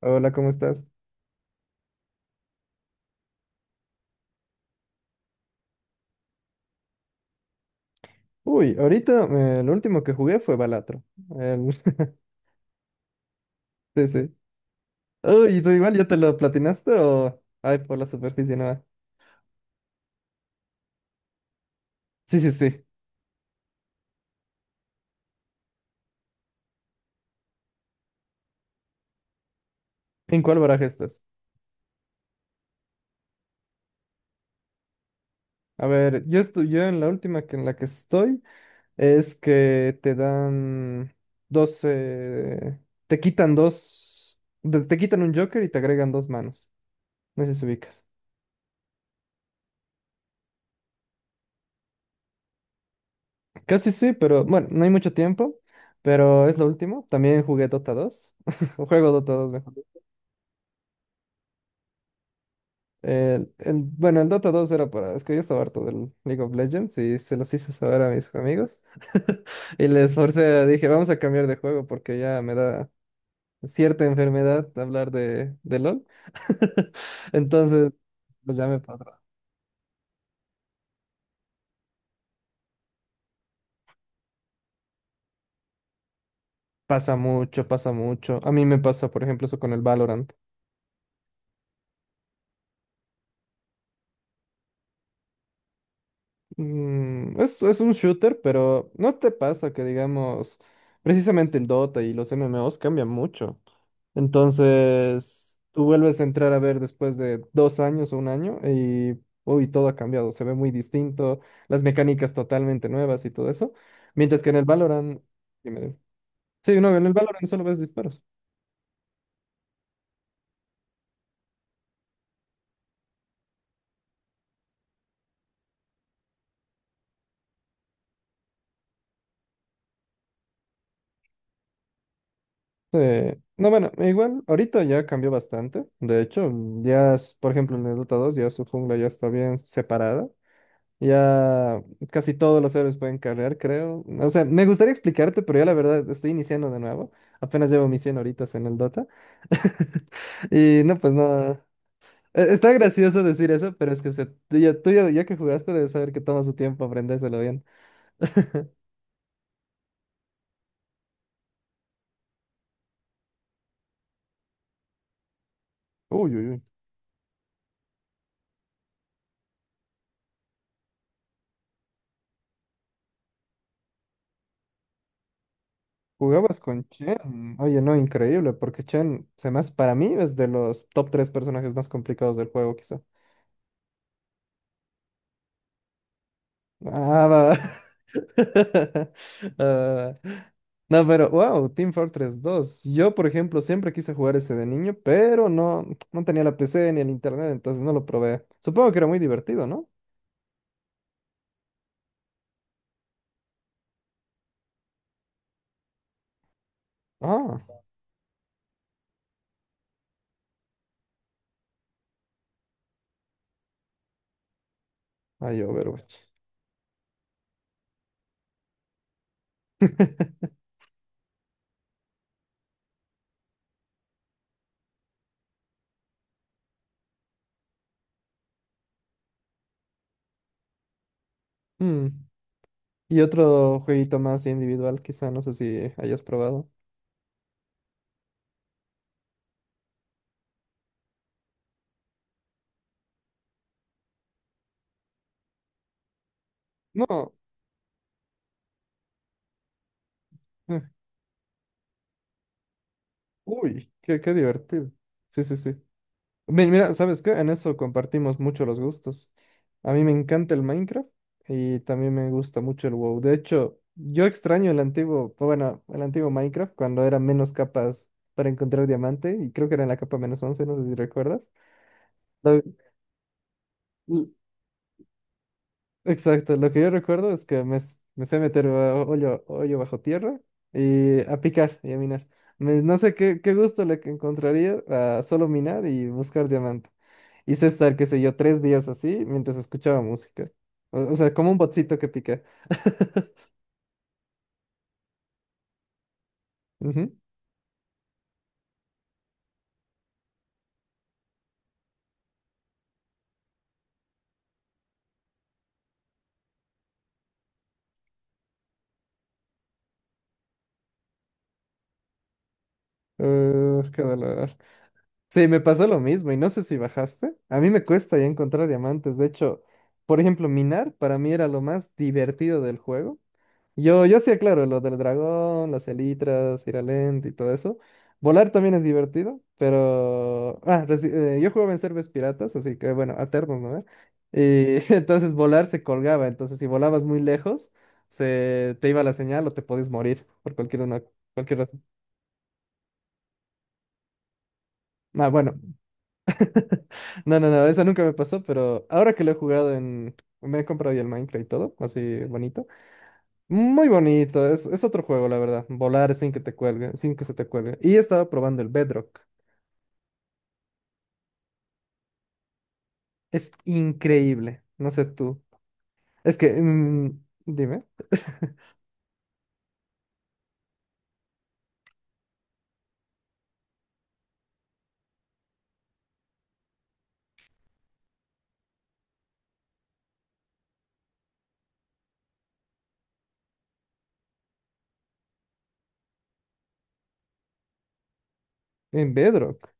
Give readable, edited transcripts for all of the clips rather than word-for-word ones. Hola, ¿cómo estás? Uy, ahorita lo último que jugué fue Balatro. El- Sí, sí. Uy, ¿tú igual ya te lo platinaste o...? Ay, por la superficie nada. Sí, sí, sí. ¿En cuál baraja estás? A ver, yo estoy, yo en la última que en la que estoy es que te dan 12... Te quitan dos... Te quitan un Joker y te agregan dos manos. No sé si ubicas. Casi sí, pero bueno, no hay mucho tiempo. Pero es lo último. También jugué Dota 2. Juego Dota dos. Bueno, el Dota 2 era para... Es que yo estaba harto del League of Legends y se los hice saber a mis amigos. Y les forcé, dije, vamos a cambiar de juego porque ya me da cierta enfermedad hablar de LOL. Entonces, pues ya me pasa. Pasa mucho, pasa mucho. A mí me pasa, por ejemplo, eso con el Valorant. Mm, es un shooter, pero no te pasa que, digamos, precisamente el Dota y los MMOs cambian mucho. Entonces, tú vuelves a entrar a ver después de 2 años o un año y, uy, todo ha cambiado, se ve muy distinto, las mecánicas totalmente nuevas y todo eso. Mientras que en el Valorant, dime, dime. Sí, no, en el Valorant solo ves disparos. No, bueno, igual, ahorita ya cambió bastante. De hecho, ya, por ejemplo, en el Dota 2 ya su jungla ya está bien separada. Ya casi todos los héroes pueden cargar, creo. O sea, me gustaría explicarte, pero yo la verdad estoy iniciando de nuevo. Apenas llevo mis 100 horitas en el Dota. Y no, pues no. Está gracioso decir eso, pero es que se, tú ya- ya que jugaste debes saber que toma su tiempo aprendérselo bien. Uy, uy, uy. Jugabas con Chen. Oye, no, increíble, porque Chen, para mí es de los top 3 personajes más complicados del juego, quizá. Ah, va. Ah, no, pero wow, Team Fortress dos. Yo, por ejemplo, siempre quise jugar ese de niño, pero no tenía la PC ni el internet, entonces no lo probé. Supongo que era muy divertido, ¿no? Ah, hay Overwatch. Hmm. Y otro jueguito más individual, quizá, no sé si hayas probado. No. eh, Uy, qué, qué divertido. Sí, sí, sí. Mira, ¿sabes qué? En eso compartimos mucho los gustos. A mí me encanta el Minecraft y también me gusta mucho el WoW. De hecho, yo extraño el antiguo, bueno, el antiguo Minecraft cuando era menos capas para encontrar diamante y creo que era en la capa menos once, no sé si recuerdas. Lo- l- exacto, lo que yo recuerdo es que me sé meter a hoyo, hoyo bajo tierra y a picar y a minar. No sé qué, qué gusto le que encontraría a solo minar y buscar diamantes. Hice estar, qué sé yo, 3 días así mientras escuchaba música. O sea, como un botcito que pica. Ujú. Qué dolor. Sí, me pasó lo mismo y no sé si bajaste. A mí me cuesta ya encontrar diamantes. De hecho, por ejemplo, minar para mí era lo más divertido del juego. Yo sí aclaro, lo del dragón, las elitras, ir a lente y todo eso. Volar también es divertido, pero... Ah, yo jugaba en servers piratas, así que bueno, alternos, ¿no? Y entonces volar se colgaba, entonces si volabas muy lejos, se... te iba la señal o te podías morir por cualquier una... cualquier razón. Ah, bueno. No, no, no, eso nunca me pasó, pero ahora que lo he jugado en... Me he comprado ya el Minecraft y todo, así bonito. Muy bonito, es otro juego, la verdad. Volar sin que te cuelgue, sin que se te cuelgue. Y estaba probando el Bedrock. Es increíble. No sé tú. Es que, dime, en Bedrock.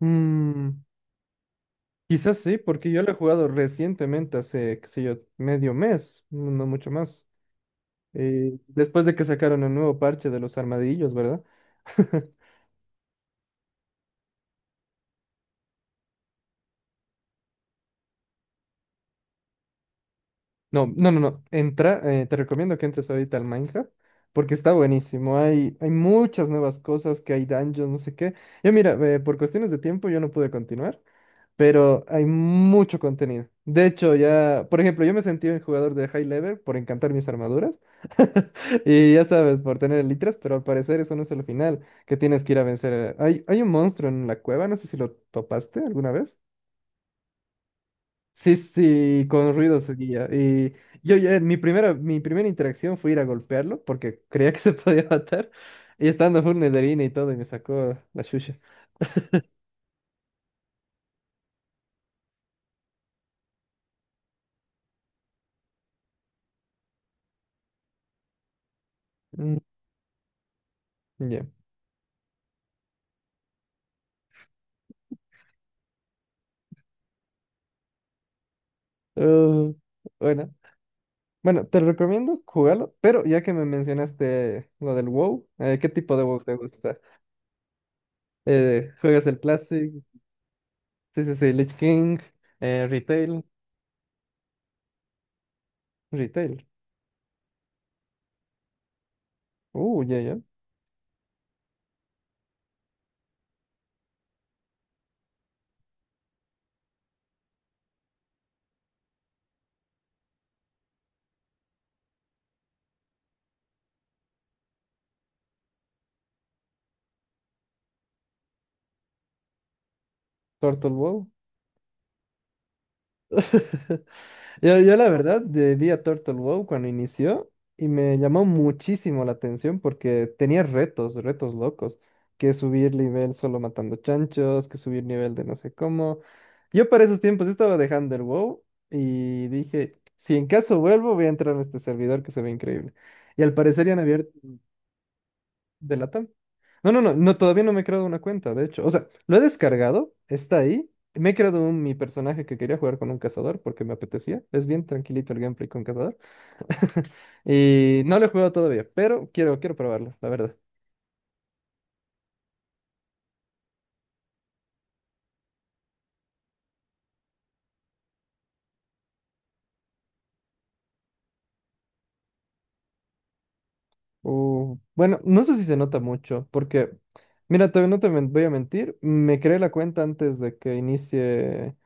mm, Quizás sí, porque yo lo he jugado recientemente, hace, qué sé yo, medio mes, no mucho más. Después de que sacaron el nuevo parche de los armadillos, ¿verdad? No, no, no, no. Entra, te recomiendo que entres ahorita al Minecraft porque está buenísimo. Hay muchas nuevas cosas, que hay dungeons, no sé qué. Yo mira, por cuestiones de tiempo yo no pude continuar, pero hay mucho contenido. De hecho, ya, por ejemplo, yo me sentí un jugador de high level por encantar mis armaduras. Y ya sabes, por tener elitras, pero al parecer eso no es el final, que tienes que ir a vencer. Hay un monstruo en la cueva, no sé si lo topaste alguna vez. Sí, sí, con ruido seguía. Y yo, ya- mi primera interacción fue ir a golpearlo porque creía que se podía matar. Y estando full Netherina y todo, y me sacó la chucha. Mm, ya. Uh, bueno. Bueno, te recomiendo jugarlo, pero ya que me mencionaste lo del WoW, ¿qué tipo de WoW te gusta? ¿Juegas el Classic? Sí, sí, sí, Lich King, Retail, Retail. Ya, ya. Turtle WoW. Yo la verdad vi a Turtle Wow cuando inició y me llamó muchísimo la atención porque tenía retos, retos locos, que subir nivel solo matando chanchos, que subir nivel de no sé cómo. Yo para esos tiempos estaba dejando el WoW y dije, si en caso vuelvo voy a entrar a este servidor que se ve increíble. Y al parecer ya han abierto. ¿De Latam? No, no, no, no, todavía no me he creado una cuenta, de hecho. O sea, lo he descargado, está ahí. Me he creado mi personaje que quería jugar con un cazador porque me apetecía. Es bien tranquilito el gameplay con cazador. Y no lo he jugado todavía, pero quiero, quiero probarlo, la verdad. Bueno, no sé si se nota mucho, porque, mira, te, no te men- voy a mentir, me creé la cuenta antes de que inicie,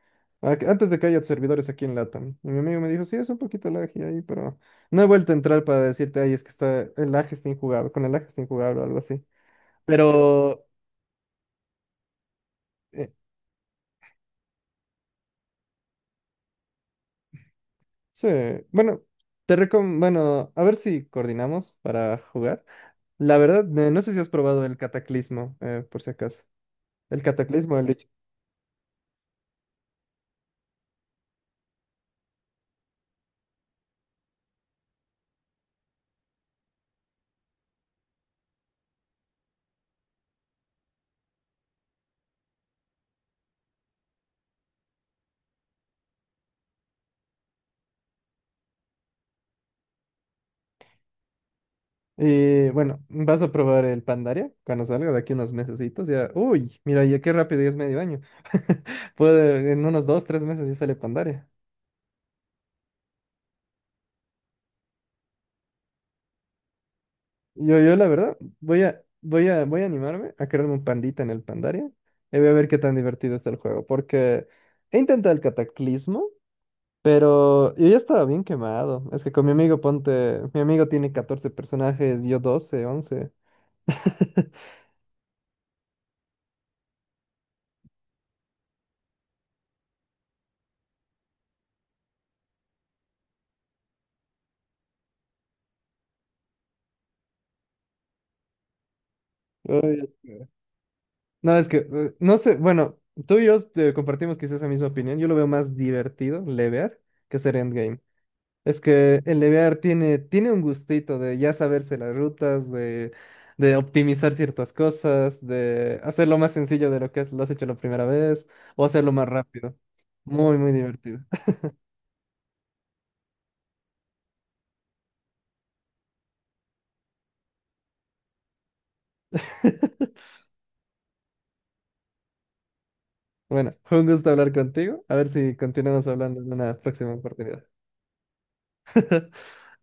antes de que haya servidores aquí en LATAM. Y mi amigo me dijo, sí, es un poquito lag y ahí, pero no he vuelto a entrar para decirte, ay, es que está, el lag está injugable, con el lag está injugable o algo así. Pero, eh, sí, bueno, bueno, a ver si coordinamos para jugar. La verdad, no sé si has probado el Cataclismo, por si acaso. El Cataclismo, el y bueno, vas a probar el Pandaria cuando salga de aquí unos mesecitos. Ya, uy, mira, ya qué rápido, ya es medio año. Puede, en unos 2, 3 meses ya sale Pandaria. Yo la verdad, voy a animarme a crearme un pandita en el Pandaria y voy a ver qué tan divertido está el juego, porque he intentado el Cataclismo, pero yo ya estaba bien quemado. Es que con mi amigo, ponte, mi amigo tiene 14 personajes, yo 12 11. Uy. No, es que, no sé, bueno, tú y yo compartimos quizás esa misma opinión. Yo lo veo más divertido, levear, que hacer endgame. Es que el levear tiene un gustito de ya saberse las rutas, de optimizar ciertas cosas, de hacerlo más sencillo de lo que lo has hecho la primera vez, o hacerlo más rápido. Muy, muy divertido. Bueno, fue un gusto hablar contigo. A ver si continuamos hablando en una próxima oportunidad.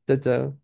Chao, chao.